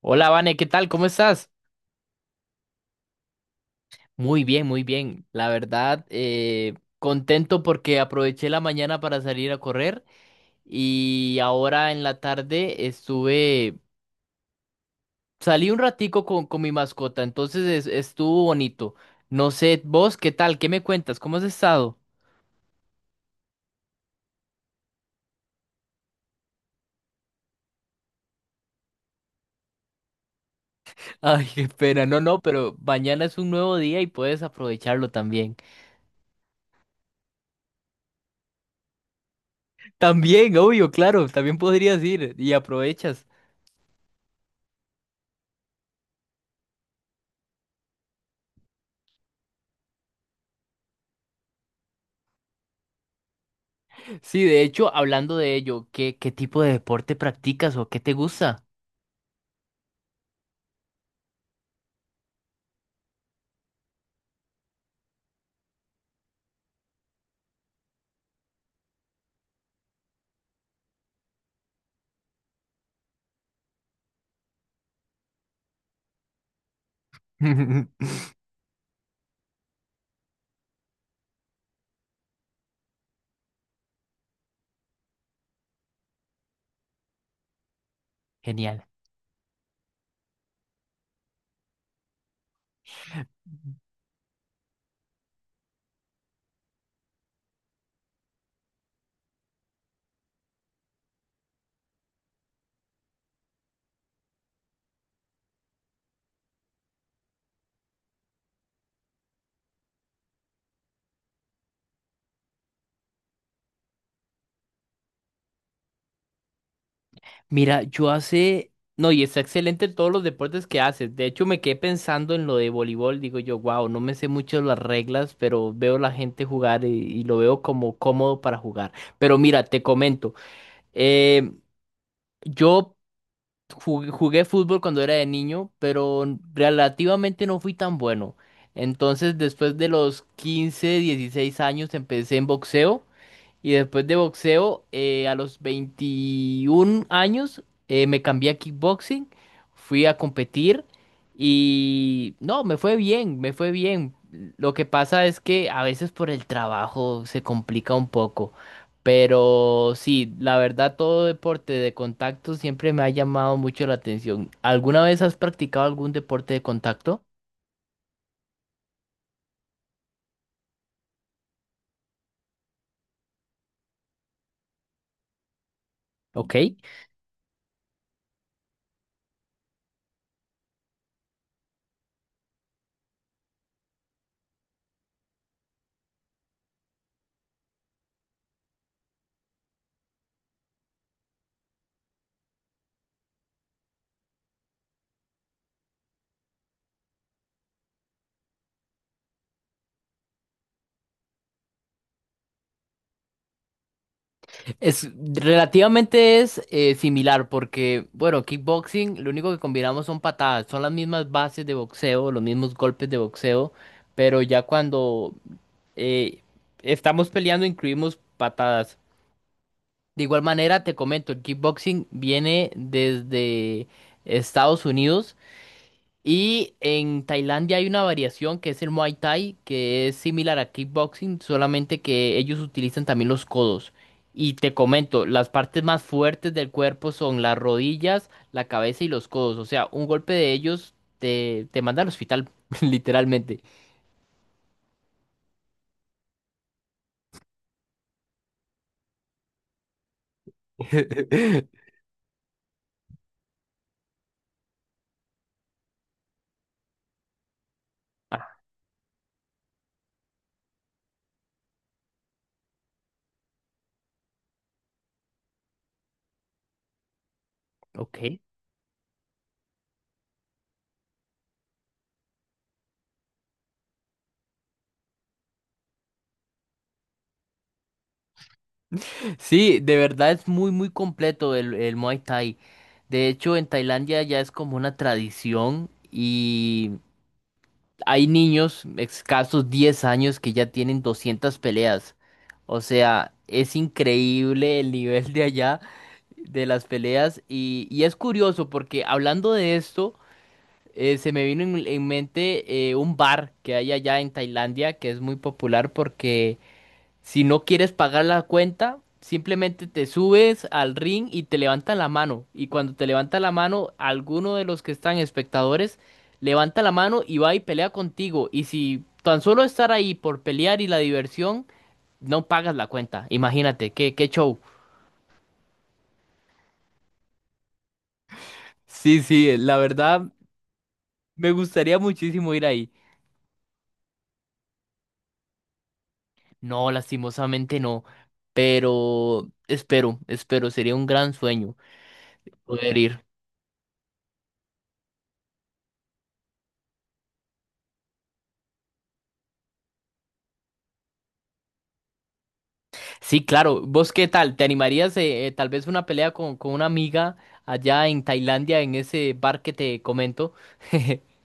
Hola, Vane, ¿qué tal? ¿Cómo estás? Muy bien, muy bien. La verdad, contento porque aproveché la mañana para salir a correr y ahora en la tarde salí un ratico con mi mascota, entonces estuvo bonito. No sé, vos, ¿qué tal? ¿Qué me cuentas? ¿Cómo has estado? Ay, qué pena, no, no, pero mañana es un nuevo día y puedes aprovecharlo también. También, obvio, claro, también podrías ir y aprovechas. Sí, de hecho, hablando de ello, ¿qué tipo de deporte practicas o qué te gusta? Genial. Mira, yo hace... No, y está excelente en todos los deportes que haces. De hecho, me quedé pensando en lo de voleibol. Digo yo, wow, no me sé mucho las reglas, pero veo la gente jugar y lo veo como cómodo para jugar. Pero mira, te comento. eh, yo Jugué fútbol cuando era de niño, pero relativamente no fui tan bueno. Entonces, después de los 15, 16 años, empecé en boxeo. Y después de boxeo, a los 21 años, me cambié a kickboxing, fui a competir y no, me fue bien, me fue bien. Lo que pasa es que a veces por el trabajo se complica un poco, pero sí, la verdad todo deporte de contacto siempre me ha llamado mucho la atención. ¿Alguna vez has practicado algún deporte de contacto? ¿Ok? Es relativamente es similar porque, bueno, kickboxing, lo único que combinamos son patadas, son las mismas bases de boxeo, los mismos golpes de boxeo, pero ya cuando eh, estamos peleando incluimos patadas. De igual manera, te comento, el kickboxing viene desde Estados Unidos y en Tailandia hay una variación que es el Muay Thai, que es similar a kickboxing, solamente que ellos utilizan también los codos. Y te comento, las partes más fuertes del cuerpo son las rodillas, la cabeza y los codos. O sea, un golpe de ellos te manda al hospital, literalmente. Ah, ok. Sí, de verdad es muy, muy completo el Muay Thai. De hecho, en Tailandia ya es como una tradición y hay niños, escasos 10 años, que ya tienen 200 peleas. O sea, es increíble el nivel de allá de las peleas. Y es curioso porque hablando de esto, se me vino en mente un bar que hay allá en Tailandia que es muy popular porque si no quieres pagar la cuenta, simplemente te subes al ring y te levantan la mano. Y cuando te levanta la mano, alguno de los que están espectadores levanta la mano y va y pelea contigo. Y si tan solo estar ahí por pelear y la diversión, no pagas la cuenta. Imagínate, qué show. Sí, sí, la verdad, me gustaría muchísimo ir ahí. No, lastimosamente no. Pero espero, espero, sería un gran sueño poder ir. Sí, claro. ¿Vos qué tal? ¿Te animarías tal vez una pelea con una amiga allá en Tailandia, en ese bar que te comento?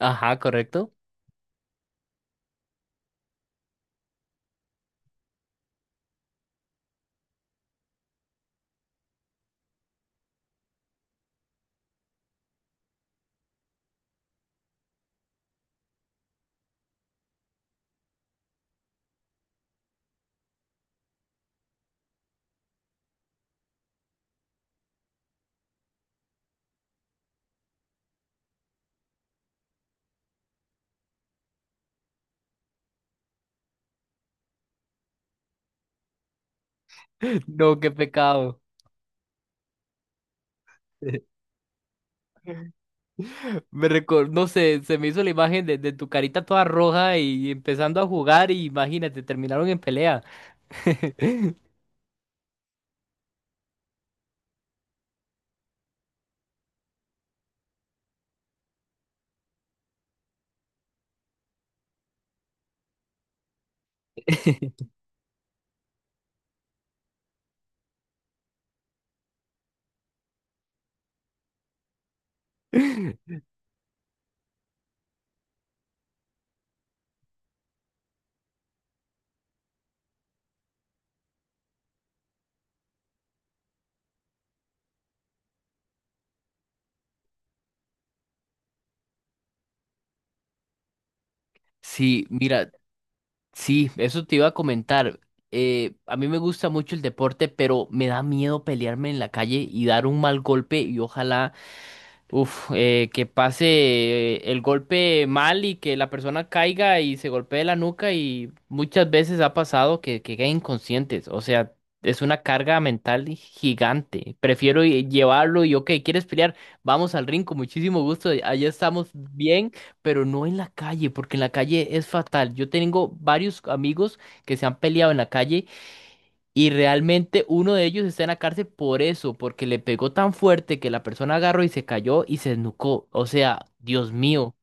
Ajá, correcto. No, qué pecado. No sé, se me hizo la imagen de tu carita toda roja y empezando a jugar y imagínate, terminaron en pelea. Sí, mira, sí, eso te iba a comentar. A mí me gusta mucho el deporte, pero me da miedo pelearme en la calle y dar un mal golpe y ojalá... Uf, que pase el golpe mal y que la persona caiga y se golpee la nuca y muchas veces ha pasado que queden inconscientes. O sea, es una carga mental gigante. Prefiero llevarlo y, ok, ¿quieres pelear? Vamos al ring con muchísimo gusto. Allá estamos bien, pero no en la calle, porque en la calle es fatal. Yo tengo varios amigos que se han peleado en la calle y realmente uno de ellos está en la cárcel por eso, porque le pegó tan fuerte que la persona agarró y se cayó y se desnucó. O sea, Dios mío.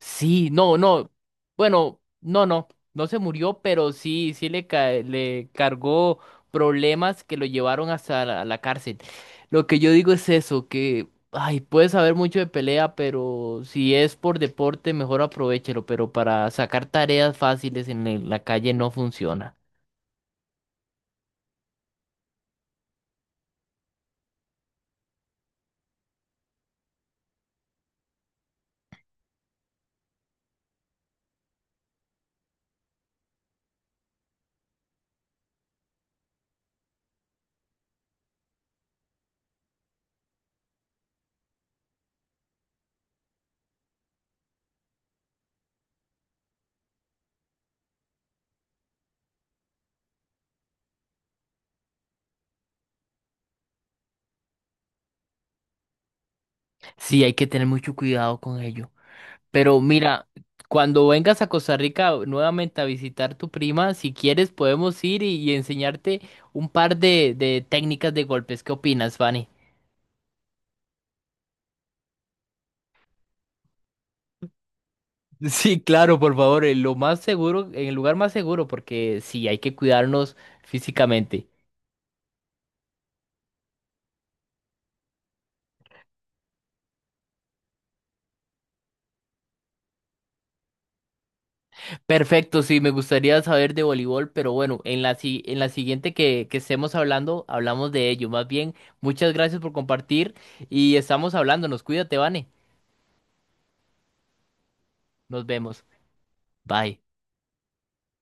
Sí, no, no. Bueno, no, no. No se murió, pero sí, sí le cargó problemas que lo llevaron hasta la cárcel. Lo que yo digo es eso, que, ay, puedes saber mucho de pelea, pero si es por deporte, mejor aprovéchelo, pero para sacar tareas fáciles en la calle no funciona. Sí, hay que tener mucho cuidado con ello. Pero mira, cuando vengas a Costa Rica nuevamente a visitar tu prima, si quieres podemos ir y enseñarte un par de técnicas de golpes. ¿Qué opinas, Fanny? Sí, claro, por favor, en lo más seguro, en el lugar más seguro, porque sí, hay que cuidarnos físicamente. Perfecto, sí, me gustaría saber de voleibol, pero bueno, en la, si- en la siguiente que estemos hablando, hablamos de ello. Más bien, muchas gracias por compartir y estamos hablándonos. Cuídate, Vane. Nos vemos. Bye.